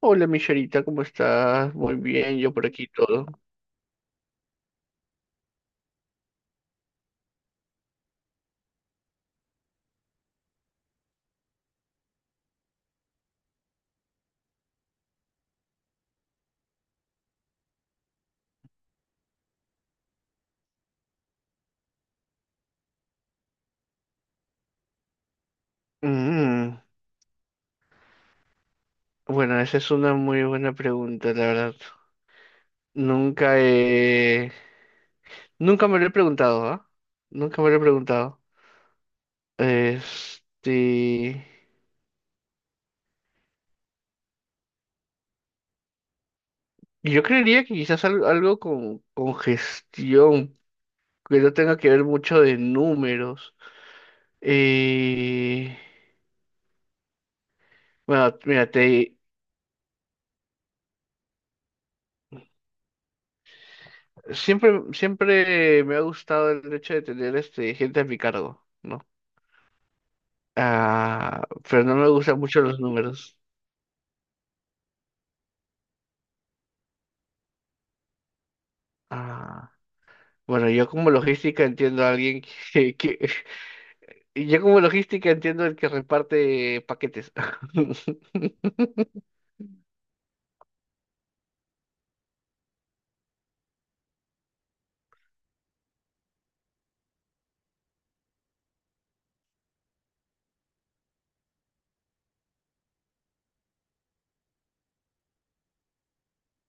Hola, Michelita, ¿cómo estás? Muy bien, yo por aquí todo. Mm, bueno, esa es una muy buena pregunta, la verdad. Nunca he... Nunca me lo he preguntado, ¿ah? Nunca me lo he preguntado. Este... Yo creería que quizás algo con gestión, que no tenga que ver mucho de números. Eh... Bueno, mira, siempre me ha gustado el hecho de tener este, gente a mi cargo, ¿no? Ah, pero no me gustan mucho los números. Ah, bueno, yo como logística entiendo a alguien que, que- yo como logística entiendo el que reparte paquetes.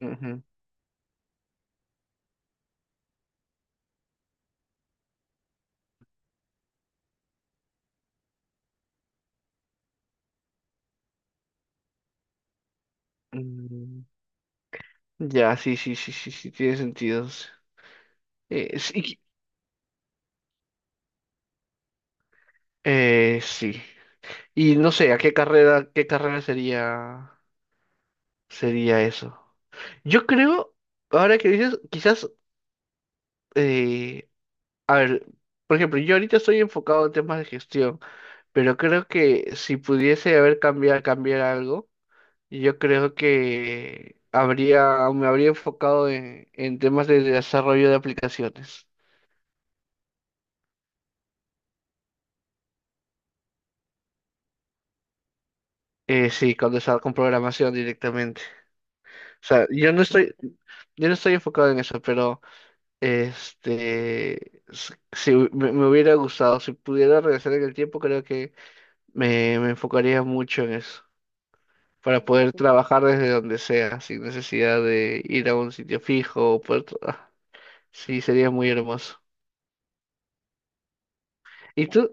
Ujú. Mm, Ya, sí, sí, sí, sí, sí, tiene sentido. Sí, sí. Y no sé, ¿a qué carrera sería, sería eso? Yo creo, ahora que dices, quizás, eh, a ver, por ejemplo, yo ahorita estoy enfocado en temas de gestión. Pero creo que si pudiese haber cambiado, cambiar algo, yo creo que habría, me habría enfocado en temas de desarrollo de aplicaciones. Sí, con, con programación directamente. O sea, yo no estoy enfocado en eso, pero este, s- si hu- me hubiera gustado, si pudiera regresar en el tiempo, creo que me enfocaría mucho en eso, para poder trabajar desde donde sea, sin necesidad de ir a un sitio fijo o poder Sí, sería muy hermoso. ¿Y tú?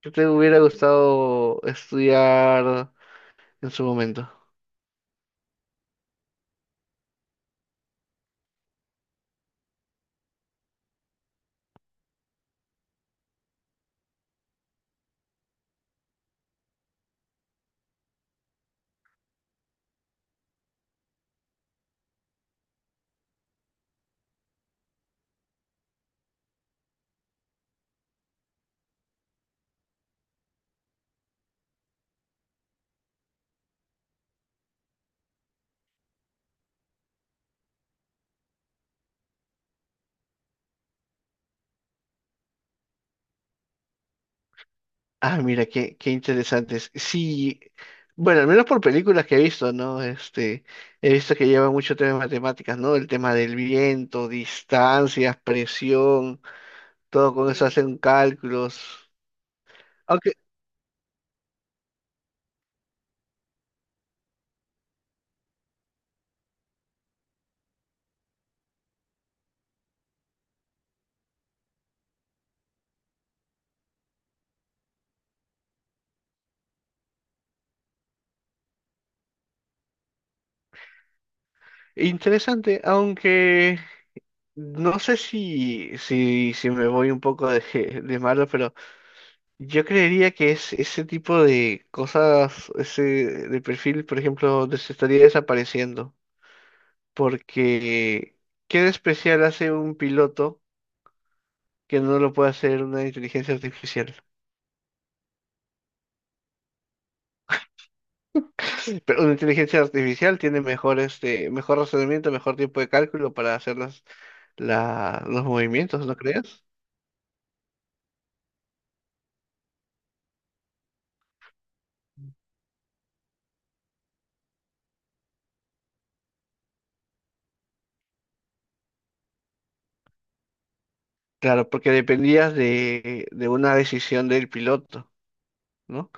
¿Qué te hubiera gustado estudiar en su momento? Ah, mira, qué interesantes. Sí, bueno, al menos por películas que he visto, ¿no? Este, he visto que lleva mucho tema de matemáticas, ¿no? El tema del viento, distancias, presión, todo con eso hacen cálculos. Aunque, interesante, aunque no sé si me voy un poco de, de malo, pero yo creería que es ese tipo de cosas, ese de perfil, por ejemplo, estaría desapareciendo, porque ¿qué de especial hace un piloto que no lo puede hacer una inteligencia artificial? Pero una inteligencia artificial tiene mejor, este, mejor razonamiento, mejor tiempo de cálculo para hacer las, los movimientos, ¿no crees? Claro, porque dependías de una decisión del piloto, ¿no?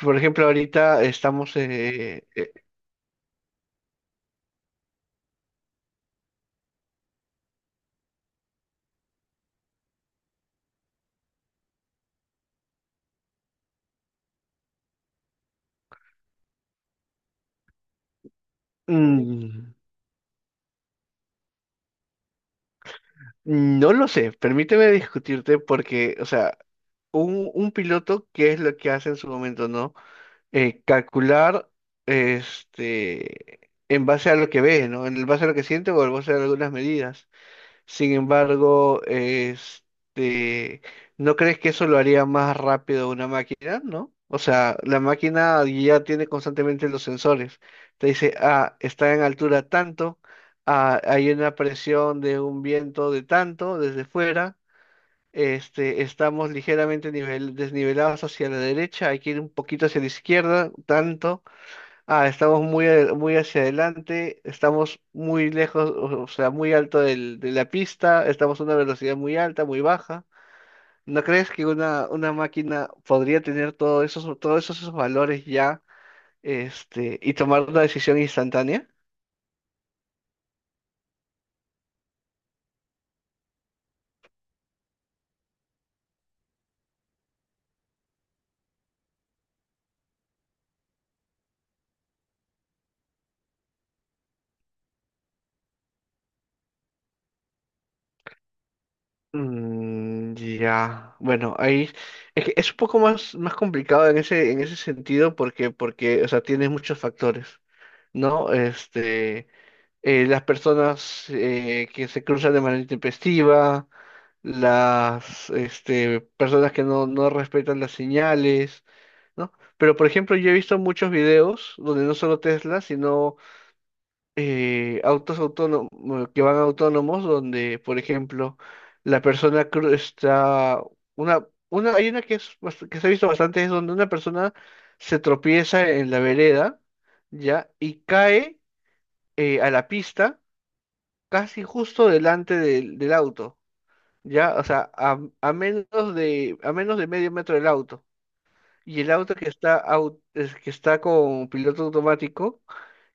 Por ejemplo, ahorita estamos... No lo sé, permíteme discutirte porque, o sea, un piloto, ¿qué es lo que hace en su momento, no? Calcular, este, en base a lo que ve, ¿no? En base a lo que siente o en base a algunas medidas. Sin embargo, este, ¿no crees que eso lo haría más rápido una máquina, no? O sea, la máquina ya tiene constantemente los sensores. Te dice, ah, está en altura tanto, ah, hay una presión de un viento de tanto desde fuera, este, estamos ligeramente nivel, desnivelados hacia la derecha, hay que ir un poquito hacia la izquierda, tanto. Ah, estamos muy, muy hacia adelante, estamos muy lejos, o sea, muy alto de la pista, estamos a una velocidad muy alta, muy baja. ¿No crees que una máquina podría tener todos esos, todos esos valores ya, este, y tomar una decisión instantánea? Ya, bueno, ahí es que es un poco más, más complicado en ese sentido porque, o sea, tienes muchos factores, ¿no? Este, las personas que se cruzan de manera intempestiva, las este, personas que no, no respetan las señales, ¿no? Pero, por ejemplo, yo he visto muchos videos donde no solo Tesla, sino autos autónomos bueno, que van autónomos, donde, por ejemplo, la persona está una, hay una que es que se ha visto bastante, es donde una persona se tropieza en la vereda, ¿ya? Y cae a la pista casi justo delante del, del auto, ¿ya? O sea, a menos de medio metro del auto. Y el auto que está, es que está con piloto automático,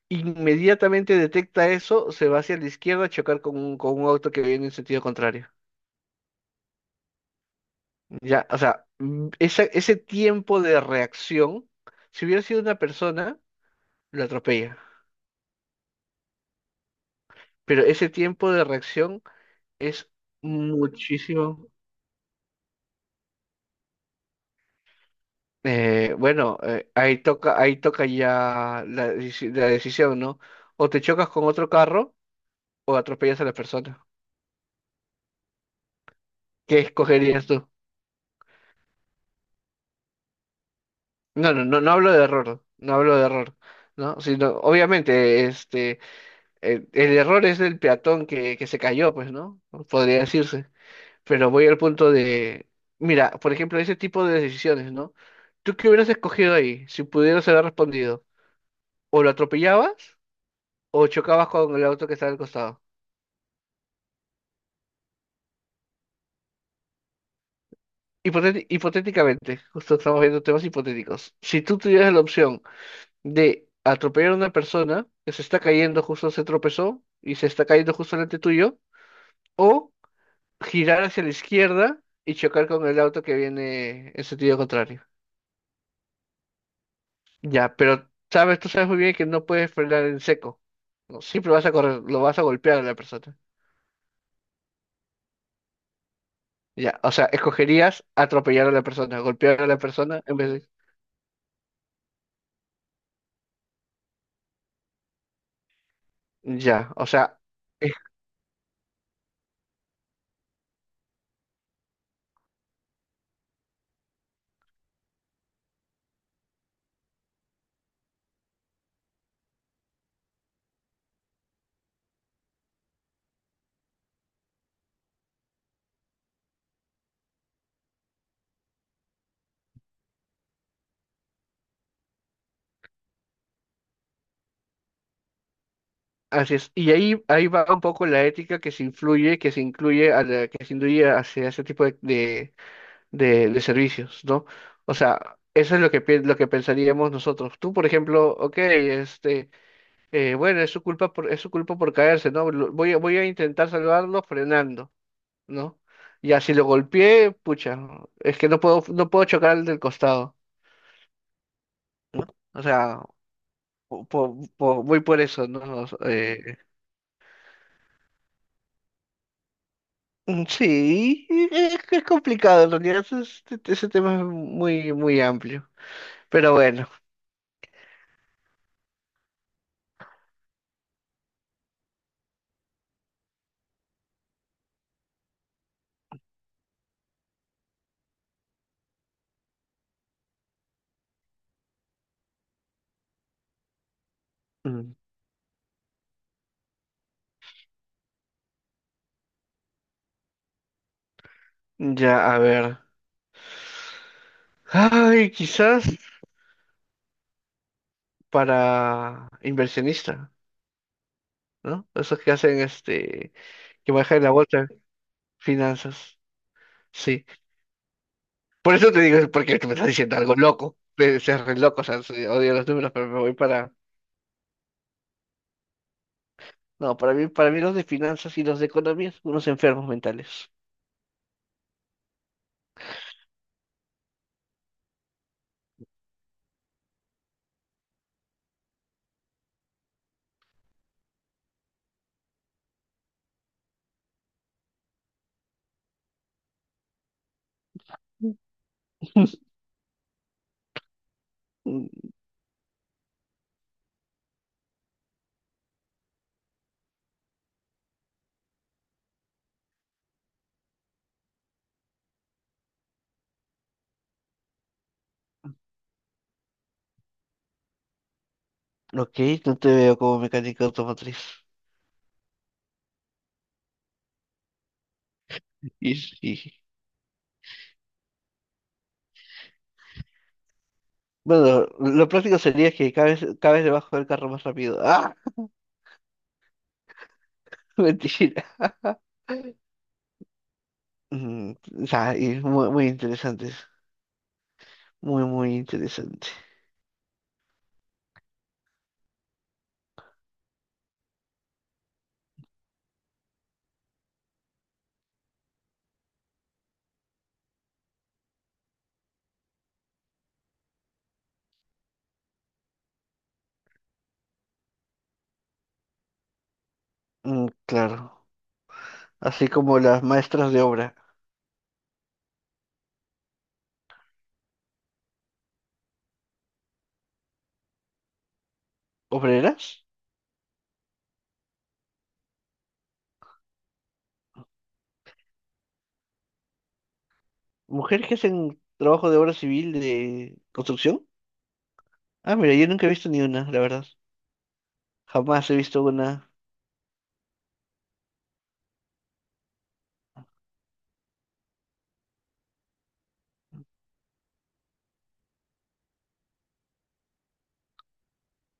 inmediatamente detecta eso, se va hacia la izquierda a chocar con un auto que viene en sentido contrario. Ya, o sea, ese tiempo de reacción, si hubiera sido una persona, lo atropella. Pero ese tiempo de reacción es muchísimo. Bueno, ahí toca ya la, la decisión, ¿no? O te chocas con otro carro o atropellas a la persona. ¿Qué escogerías tú? No, no hablo de error, no hablo de error, ¿no? Sino, obviamente, este, el error es del peatón que se cayó, pues, ¿no? Podría decirse. Pero voy al punto de, mira, por ejemplo, ese tipo de decisiones, ¿no? ¿Tú qué hubieras escogido ahí si pudieras haber respondido? ¿O lo atropellabas o chocabas con el auto que estaba al costado? Hipotéticamente, justo estamos viendo temas hipotéticos. Si tú tuvieras la opción de atropellar a una persona que se está cayendo, justo se tropezó y se está cayendo justo delante tuyo, o girar hacia la izquierda y chocar con el auto que viene en sentido contrario. Ya, pero sabes, tú sabes muy bien que no puedes frenar en seco. No, siempre vas a correr, lo vas a golpear a la persona. Ya, o sea, escogerías atropellar a la persona, golpear a la persona en vez de... Ya, o sea... Así es. Y ahí va un poco la ética que se influye, que se incluye a la, que se induye hacia ese tipo de, de servicios, ¿no? O sea, eso es lo que, lo que pensaríamos nosotros. Tú, por ejemplo, ok, este, bueno, es su culpa por, es su culpa por caerse, ¿no? Voy a, voy a intentar salvarlo frenando, ¿no? Ya si lo golpeé, pucha, ¿no? Es que no puedo, no puedo chocar al del costado. O sea, voy por eso, ¿no? Sí, es, que es complicado, en realidad ese, ese tema es muy, muy amplio. Pero bueno, mm, ya, a ver. Ay, quizás para inversionista, ¿no? Esos que hacen este, que manejan la bolsa, finanzas. Sí. Por eso te digo, es porque me estás diciendo algo loco. Debe ser re loco, o sea, sí, odio los números, pero me voy para. No, para mí los de finanzas y los de economía son unos enfermos mentales. Ok, no te veo como mecánico automotriz. Y, y- Bueno, lo práctico sería que cabes, cabes debajo del carro más rápido. ¡Ah! Mentira. Mm, o sea, y muy, muy interesantes. Muy, muy interesante. Claro. Así como las maestras de obra. ¿Obreras? ¿Mujeres que hacen trabajo de obra civil de construcción? Ah, mira, yo nunca he visto ni una, la verdad. Jamás he visto una.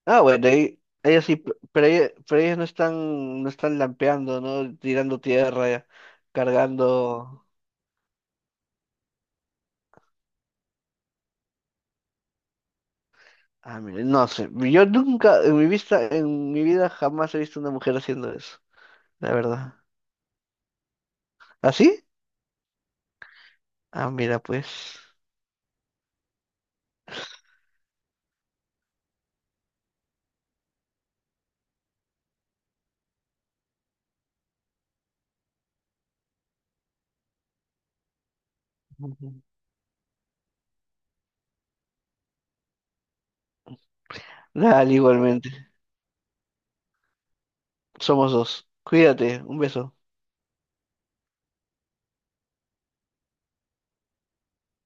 Ah, bueno, ellas sí, pero ellas no están, no están lampeando, ¿no? Tirando tierra, cargando. Ah, mira, no sé. Yo nunca, en mi vista, en mi vida jamás he visto una mujer haciendo eso, la verdad. ¿Así? Ah, mira, pues. Ujú. Dale, igualmente. Somos dos. Cuídate, un beso.